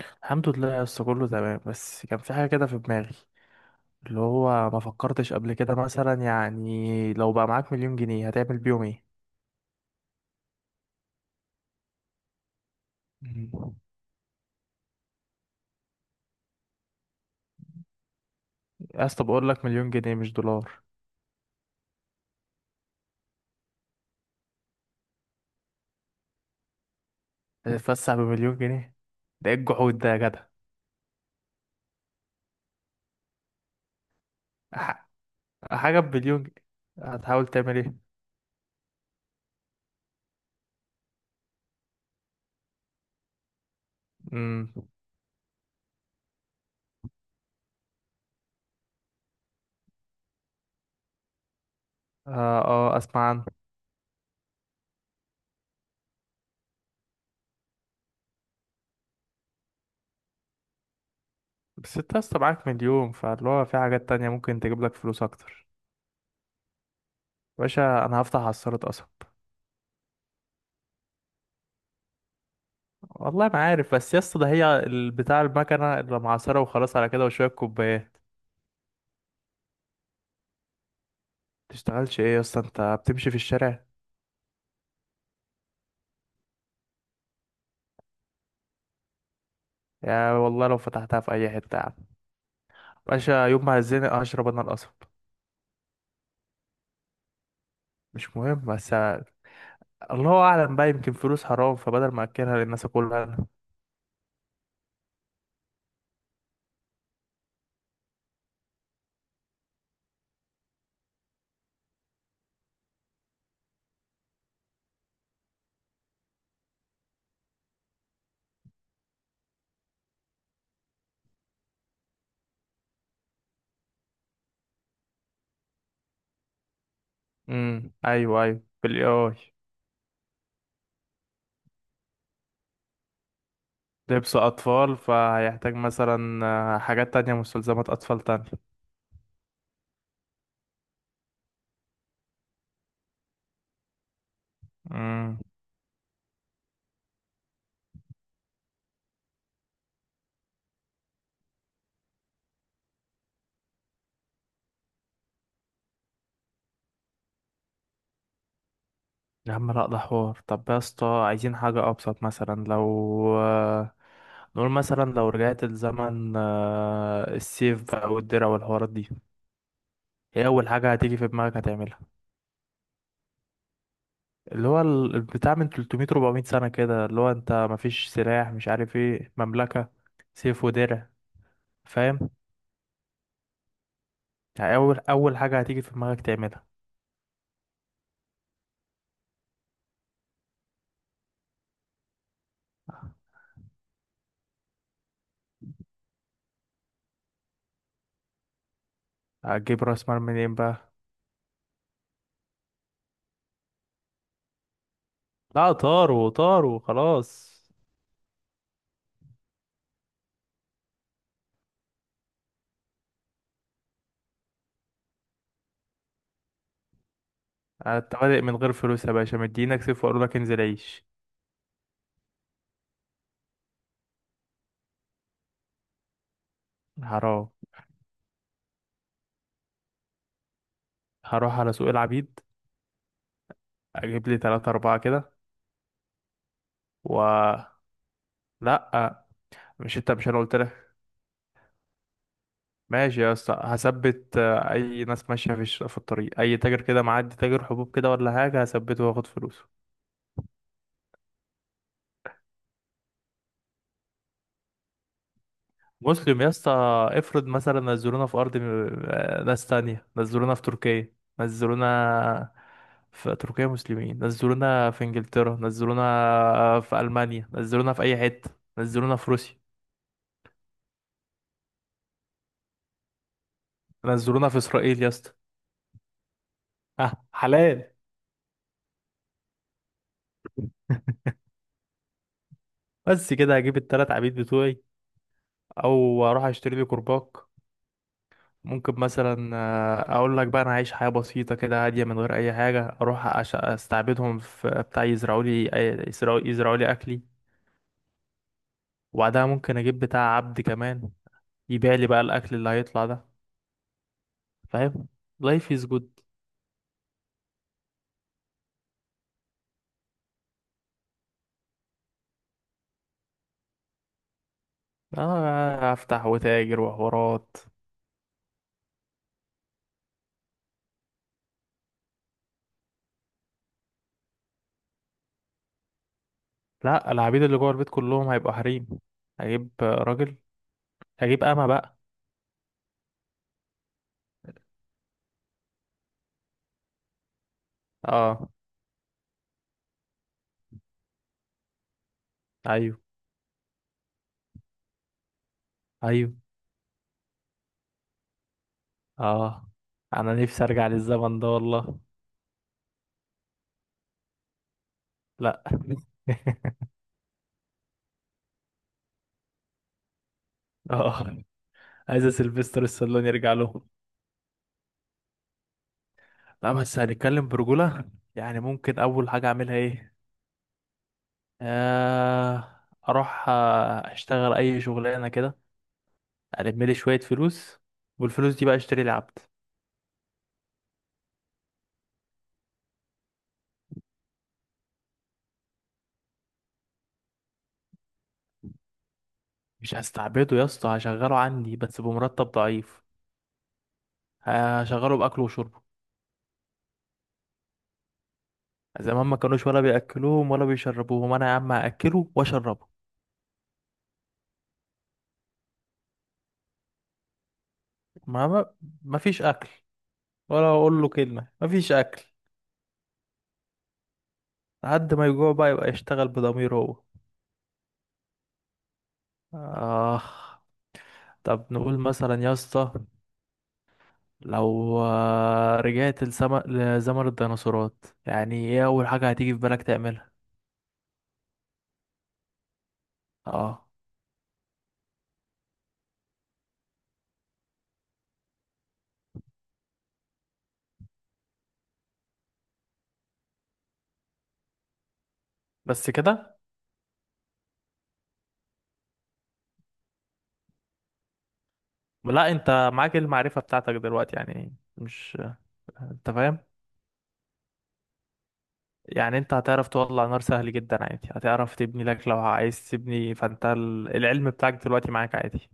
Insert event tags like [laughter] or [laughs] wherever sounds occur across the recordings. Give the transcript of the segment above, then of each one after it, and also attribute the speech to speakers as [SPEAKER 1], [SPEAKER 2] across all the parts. [SPEAKER 1] الحمد لله يا اسطى، كله تمام. بس كان في حاجه كده في دماغي اللي هو ما فكرتش قبل كده، مثلا يعني لو بقى معاك مليون جنيه هتعمل بيهم ايه؟ مم. يا اسطى بقول لك مليون جنيه مش دولار. هتتفسح بمليون جنيه؟ ده ايه الجحود ده يا جدع؟ ح- حاجه بمليون جنيه، هتحاول تعمل ايه؟ امم اه اه اسمع عنه. بس انت يا اسطى معاك مليون، فاللي هو في حاجات تانية ممكن تجيب لك فلوس اكتر. باشا انا هفتح عصارة قصب. والله ما عارف، بس يا اسطى ده هي بتاع المكنه اللي معصره وخلاص على كده وشويه كوبايات. تشتغلش ايه يا اسطى؟ انت بتمشي في الشارع. يا والله لو فتحتها في اي حته يا عم باشا، يوم ما هزني اشرب انا القصب. مش مهم بس. الله اعلم بقى، يمكن فلوس حرام، فبدل ما اكلها للناس اكلها انا. ايوه ايوه بالاي اي. لبس اطفال فهيحتاج مثلا حاجات تانية، مستلزمات اطفال تانية. امم يا عم لا، ده حوار. طب يا اسطى عايزين حاجة أبسط، مثلا لو نقول مثلا لو رجعت الزمن السيف بقى والدرع والحوارات دي، ايه اول حاجه هتيجي في دماغك هتعملها؟ اللي هو البتاع من 300 400 سنه كده، اللي هو انت مفيش سلاح، مش عارف ايه مملكه. سيف ودرع. فاهم؟ يعني اول حاجه هتيجي في دماغك تعملها. هتجيب راس مال منين بقى؟ لا طاروا، طاروا خلاص. انت بادئ من غير فلوس يا باشا، مدينك سيف وقالوا لك انزل عيش. حرام. هروح على سوق العبيد، اجيب لي 3 4 كده و... لا، مش انا قلت لك؟ ماشي يا اسطى، هثبت اي ناس ماشيه في الطريق، اي تاجر كده معدي، تاجر حبوب كده ولا حاجه، هثبته واخد فلوسه. مسلم يا اسطى. افرض مثلا نزلونا في ارض ناس تانية نزلونا في تركيا، نزلونا في تركيا مسلمين، نزلونا في انجلترا، نزلونا في المانيا، نزلونا في اي حته، نزلونا في روسيا، نزلونا في اسرائيل يا اسطى، ها حلال؟ [laughs] بس كده هجيب التلات عبيد بتوعي او اروح اشتري لي كرباج. ممكن مثلا اقول لك بقى انا عايش حياه بسيطه كده هاديه من غير اي حاجه، اروح استعبدهم في بتاع يزرعوا لي يزرعوا لي اكلي. وبعدها ممكن اجيب بتاع عبد كمان يبيع لي بقى الاكل اللي هيطلع ده. فاهم؟ لايف از جود. اه افتح وتاجر وحوارات. لا، العبيد اللي جوه البيت كلهم هيبقوا حريم. هجيب راجل، هجيب امه بقى. اه ايوه ايوه اه. انا نفسي ارجع للزمن ده والله. لا. [laughs] اه عايز سيلفستر السالون يرجع لهم. لا بس هنتكلم برجولة، يعني ممكن أول حاجة أعملها إيه؟ آه أروح أشتغل أي شغلانة كده، ألم لي شوية فلوس. والفلوس دي بقى أشتري لي عبد. مش هستعبده يا اسطى، هشغله عندي بس بمرتب ضعيف. هشغله بأكله وشربه. زمان ما كانوش ولا بيأكلوهم ولا بيشربوهم، أنا يا عم هأكله وأشربه. ما ما ما فيش أكل، ولا أقول له كلمة ما فيش أكل. لحد ما يجوع بقى يبقى يشتغل بضميره هو. آه طب نقول مثلا يا اسطى، لو رجعت لزمن الديناصورات، يعني ايه اول حاجة هتيجي في بالك تعملها؟ اه بس كده. لا، انت معاك المعرفة بتاعتك دلوقتي، يعني مش، انت فاهم، يعني انت هتعرف تولع نار سهل جدا عادي، هتعرف تبني لك لو عايز تبني، فانت العلم بتاعك دلوقتي معاك عادي.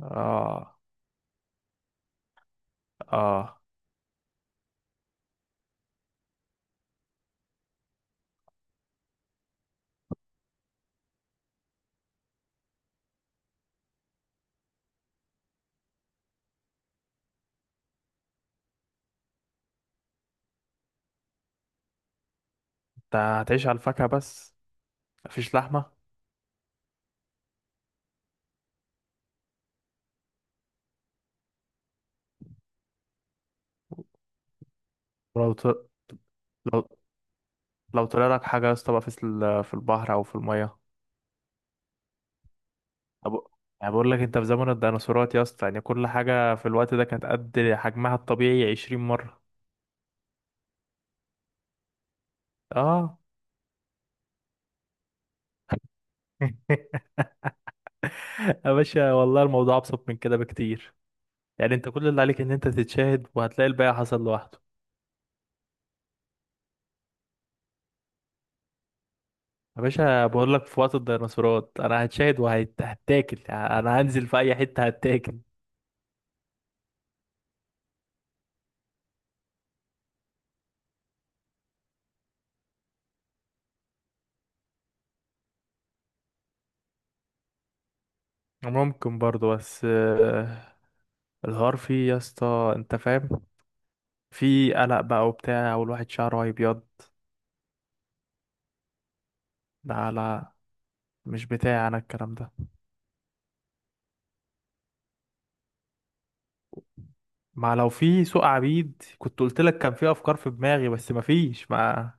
[SPEAKER 1] اه اه. انت هتعيش على الفاكهة بس؟ مفيش لحمة؟ ولو ط... لو لو طلع لك حاجة يا اسطى بقى في في البحر او في المية؟ أب- انا بقول لك انت في زمن الديناصورات يا اسطى، يعني كل حاجه في الوقت ده كانت قد حجمها الطبيعي 20 مره. اه. [laughs] يا باشا والله الموضوع ابسط من كده بكتير. يعني انت كل اللي عليك ان انت تتشاهد وهتلاقي الباقي حصل لوحده. يا باشا بقول لك في وقت الديناصورات انا هتشاهد وهتاكل، انا هنزل في اي حته هتاكل. ممكن برضو بس الحوار فيه يا اسطى، انت فاهم، في قلق بقى وبتاع والواحد شعره هيبيض. لا لا، مش بتاعي انا الكلام ده. ما لو في سوق عبيد كنت قلت لك كان في افكار في دماغي بس ما فيش، ما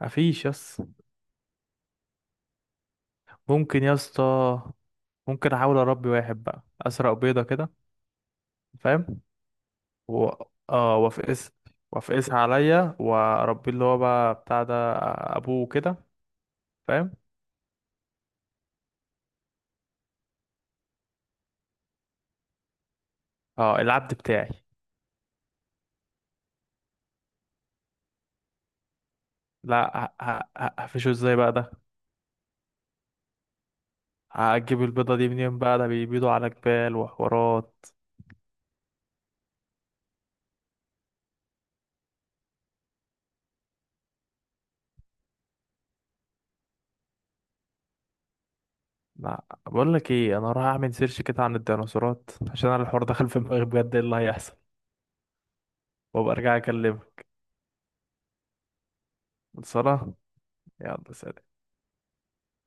[SPEAKER 1] ما فيش يس. ممكن يا اسطى، ممكن احاول اربي واحد بقى، اسرق بيضه كده، فاهم؟ و... اه وافقس، وافقسها عليا واربيه اللي هو بقى بتاع ده، ابوه كده، فاهم؟ اه العبد بتاعي. لا هقفشه ازاي بقى ده؟ هجيب البيضه دي منين بقى؟ ده بيبيضوا على جبال وحوارات. لا، بقول لك ايه، انا هروح اعمل سيرش كده عن الديناصورات، عشان انا الحوار دخل في دماغي بجد ايه اللي هيحصل، وابقى ارجع اكلمه. خلصانه. يلا سلام.